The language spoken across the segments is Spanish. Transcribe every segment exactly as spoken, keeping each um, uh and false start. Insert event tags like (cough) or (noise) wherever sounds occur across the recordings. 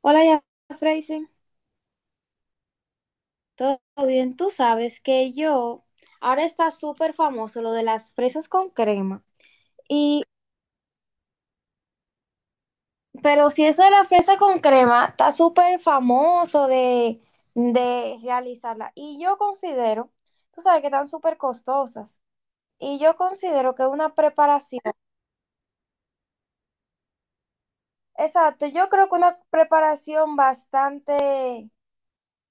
Hola, ya, Freisen. ¿Todo bien? Tú sabes que yo, ahora está súper famoso lo de las fresas con crema. Y, pero si eso de la fresa con crema está súper famoso de, de realizarla. Y yo considero, tú sabes que están súper costosas. Y yo considero que una preparación, exacto, yo creo que una preparación bastante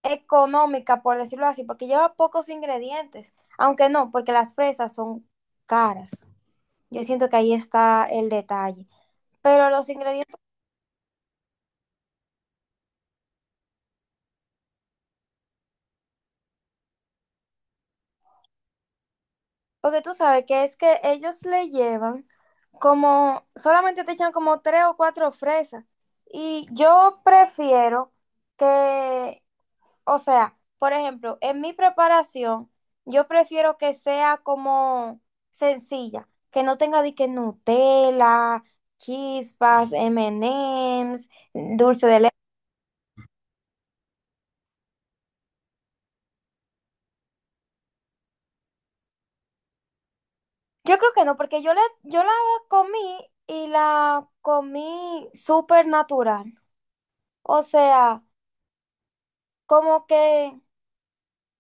económica, por decirlo así, porque lleva pocos ingredientes, aunque no, porque las fresas son caras. Yo siento que ahí está el detalle. Pero los ingredientes, porque tú sabes que es que ellos le llevan como, solamente te echan como tres o cuatro fresas. Y yo prefiero que o sea, por ejemplo, en mi preparación, yo prefiero que sea como sencilla, que no tenga de que Nutella, chispas, M and Ms, dulce de leche. Yo creo que no, porque yo, le, yo la comí y la comí súper natural. O sea, como que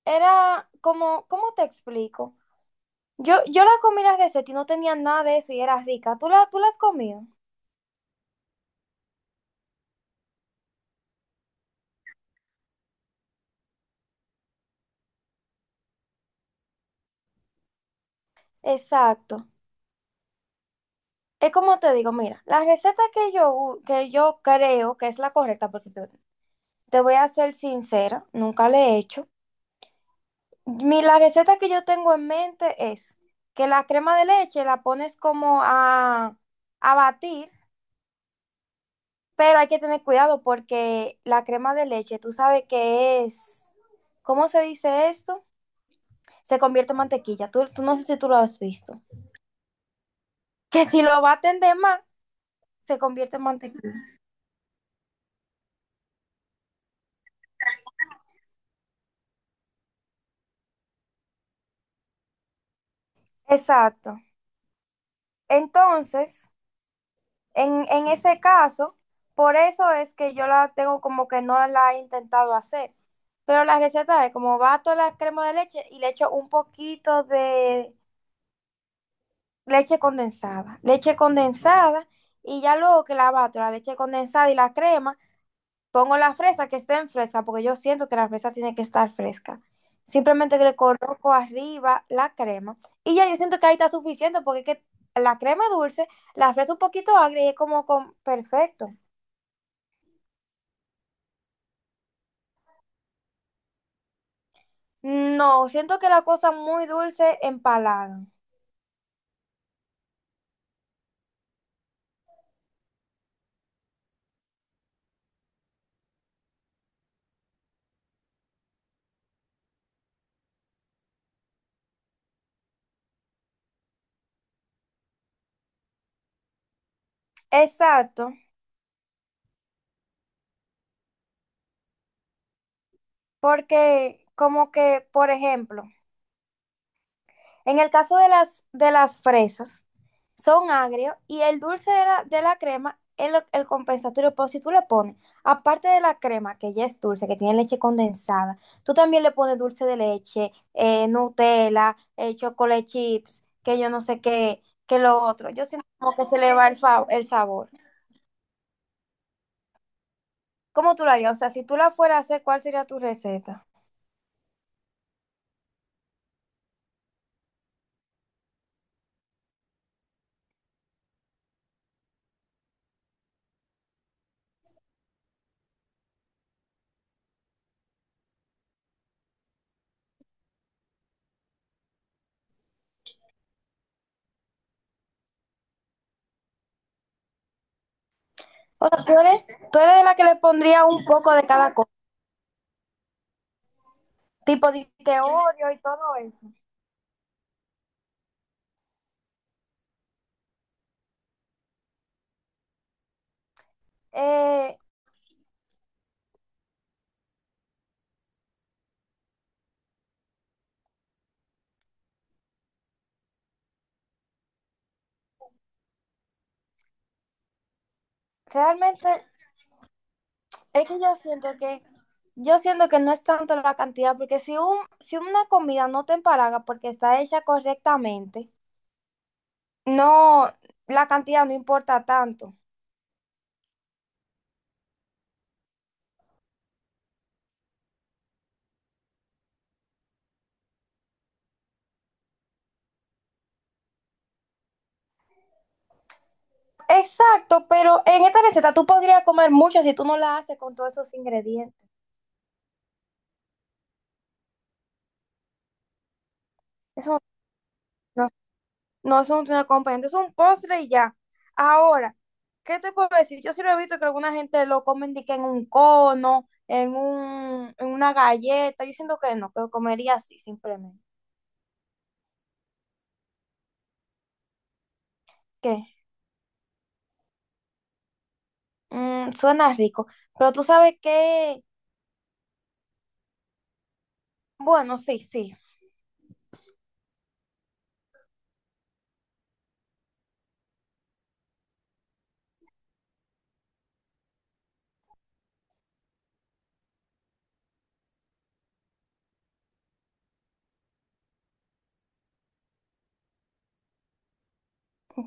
era como, ¿cómo te explico? Yo, yo la comí la receta y no tenía nada de eso y era rica. ¿Tú la, tú la has comido? Exacto. Es como te digo, mira, la receta que yo, u- que yo creo que es la correcta, porque te, te voy a ser sincera, nunca la he hecho. Mi, la receta que yo tengo en mente es que la crema de leche la pones como a, a batir, pero hay que tener cuidado porque la crema de leche, tú sabes que es, ¿cómo se dice esto? Se convierte en mantequilla. Tú, tú no sé si tú lo has visto. Que si lo baten de más, se convierte en mantequilla. Exacto. Entonces... En, en ese caso, por eso es que yo la tengo como que no la he intentado hacer. Pero la receta es como bato la crema de leche y le echo un poquito de leche condensada. Leche condensada y ya luego que la bato, la leche condensada y la crema, pongo la fresa que esté en fresca, porque yo siento que la fresa tiene que estar fresca. Simplemente que le coloco arriba la crema y ya yo siento que ahí está suficiente porque es que la crema es dulce, la fresa un poquito agria y es como con- perfecto. No, siento que la cosa muy dulce empalagan. Exacto, porque como que, por ejemplo, en el caso de las, de las fresas, son agrios y el dulce de la, de la crema es lo- el compensatorio, pero si tú le pones, aparte de la crema, que ya es dulce, que tiene leche condensada, tú también le pones dulce de leche, eh, Nutella, eh, chocolate chips, que yo no sé qué, que lo otro. Yo siento como que se le va el, fa- el sabor. ¿Cómo tú lo harías? O sea, si tú la fueras a hacer, ¿cuál sería tu receta? O sea, tú eres, tú eres de la que le pondría un poco de cada cosa, tipo de de Oreo y todo eso. Eh, Realmente es que yo siento que yo siento que no es tanto la cantidad, porque si un, si una comida no te empalaga porque está hecha correctamente, no, la cantidad no importa tanto. Exacto, pero en esta receta tú podrías comer mucho si tú no la haces con todos esos ingredientes. Eso no. No es un un acompañante, es un postre y ya. Ahora, ¿qué te puedo decir? Yo sí lo he visto que alguna gente lo comen de que en un cono, en un, en una galleta. Yo siento que no, que lo comería así, simplemente. ¿Qué? Mm, suena rico. Pero tú sabes que, bueno, sí, sí.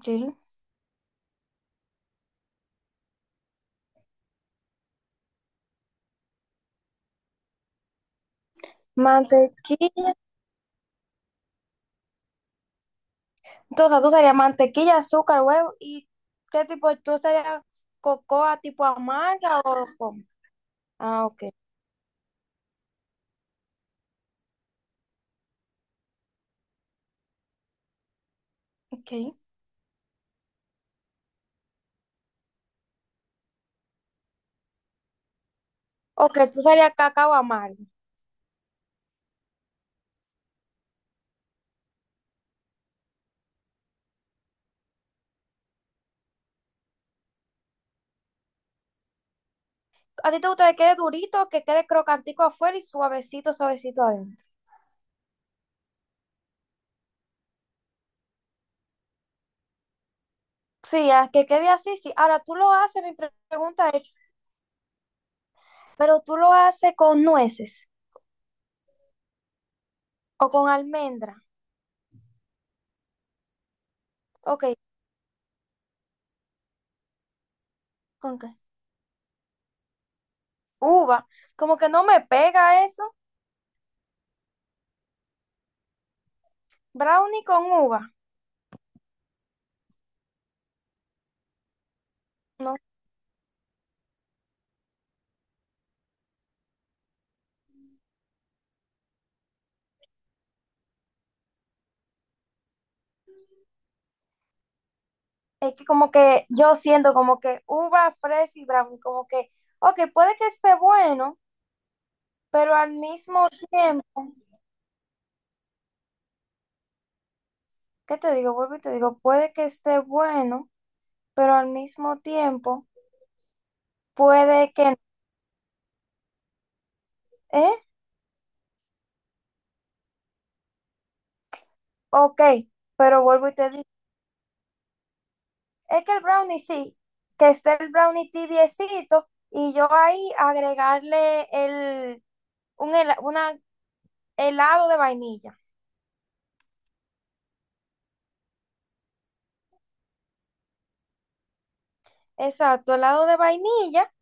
Sí. Mantequilla. Entonces, o sea, tú serías mantequilla, azúcar, huevo. ¿Y qué tipo? ¿Tú serías cocoa tipo amarga o...? ¿Cómo? Ah, ok. Ok. Ok, tú serías cacao amargo. ¿A ti te gusta que quede durito, que quede crocantico afuera y suavecito, suavecito adentro? Sí, a que quede así, sí. Ahora, tú lo haces, mi pre- pregunta es, ¿pero tú lo haces con nueces o con almendra? Ok, ¿con qué? Uva. Como que no me pega eso. Brownie con uva. No es que como que yo siento como que uva fresa y brown, como que, ok, puede que esté bueno, pero al mismo tiempo, ¿qué te digo? Vuelvo y te digo, puede que esté bueno, pero al mismo tiempo, puede que, ¿eh? Ok, pero vuelvo y te digo, es que el brownie sí, que esté el brownie tibiecito y yo ahí agregarle el, un, hela- una helado de vainilla. Exacto, helado de vainilla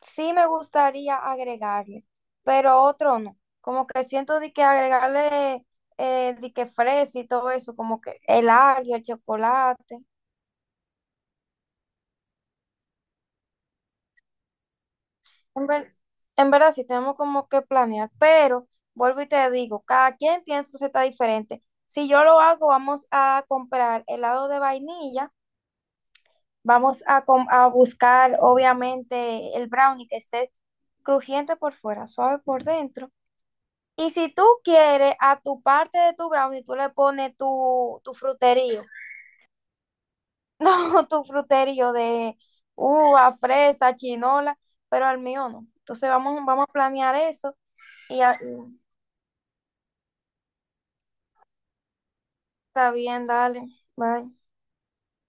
sí me gustaría agregarle, pero otro no. Como que siento de que agregarle eh, de que fresa y todo eso, como que el agrio, el chocolate. En ver- en verdad sí tenemos como que planear, pero vuelvo y te digo, cada quien tiene su receta diferente. Si yo lo hago, vamos a comprar helado de vainilla, vamos a, com- a buscar obviamente el brownie que esté crujiente por fuera, suave por dentro. Y si tú quieres, a tu parte de tu brownie, tú le pones tu, tu fruterío. (laughs) No, tu fruterío de uva, fresa, chinola, pero al mío no. Entonces vamos, vamos a planear eso y a- está bien, dale. Bye.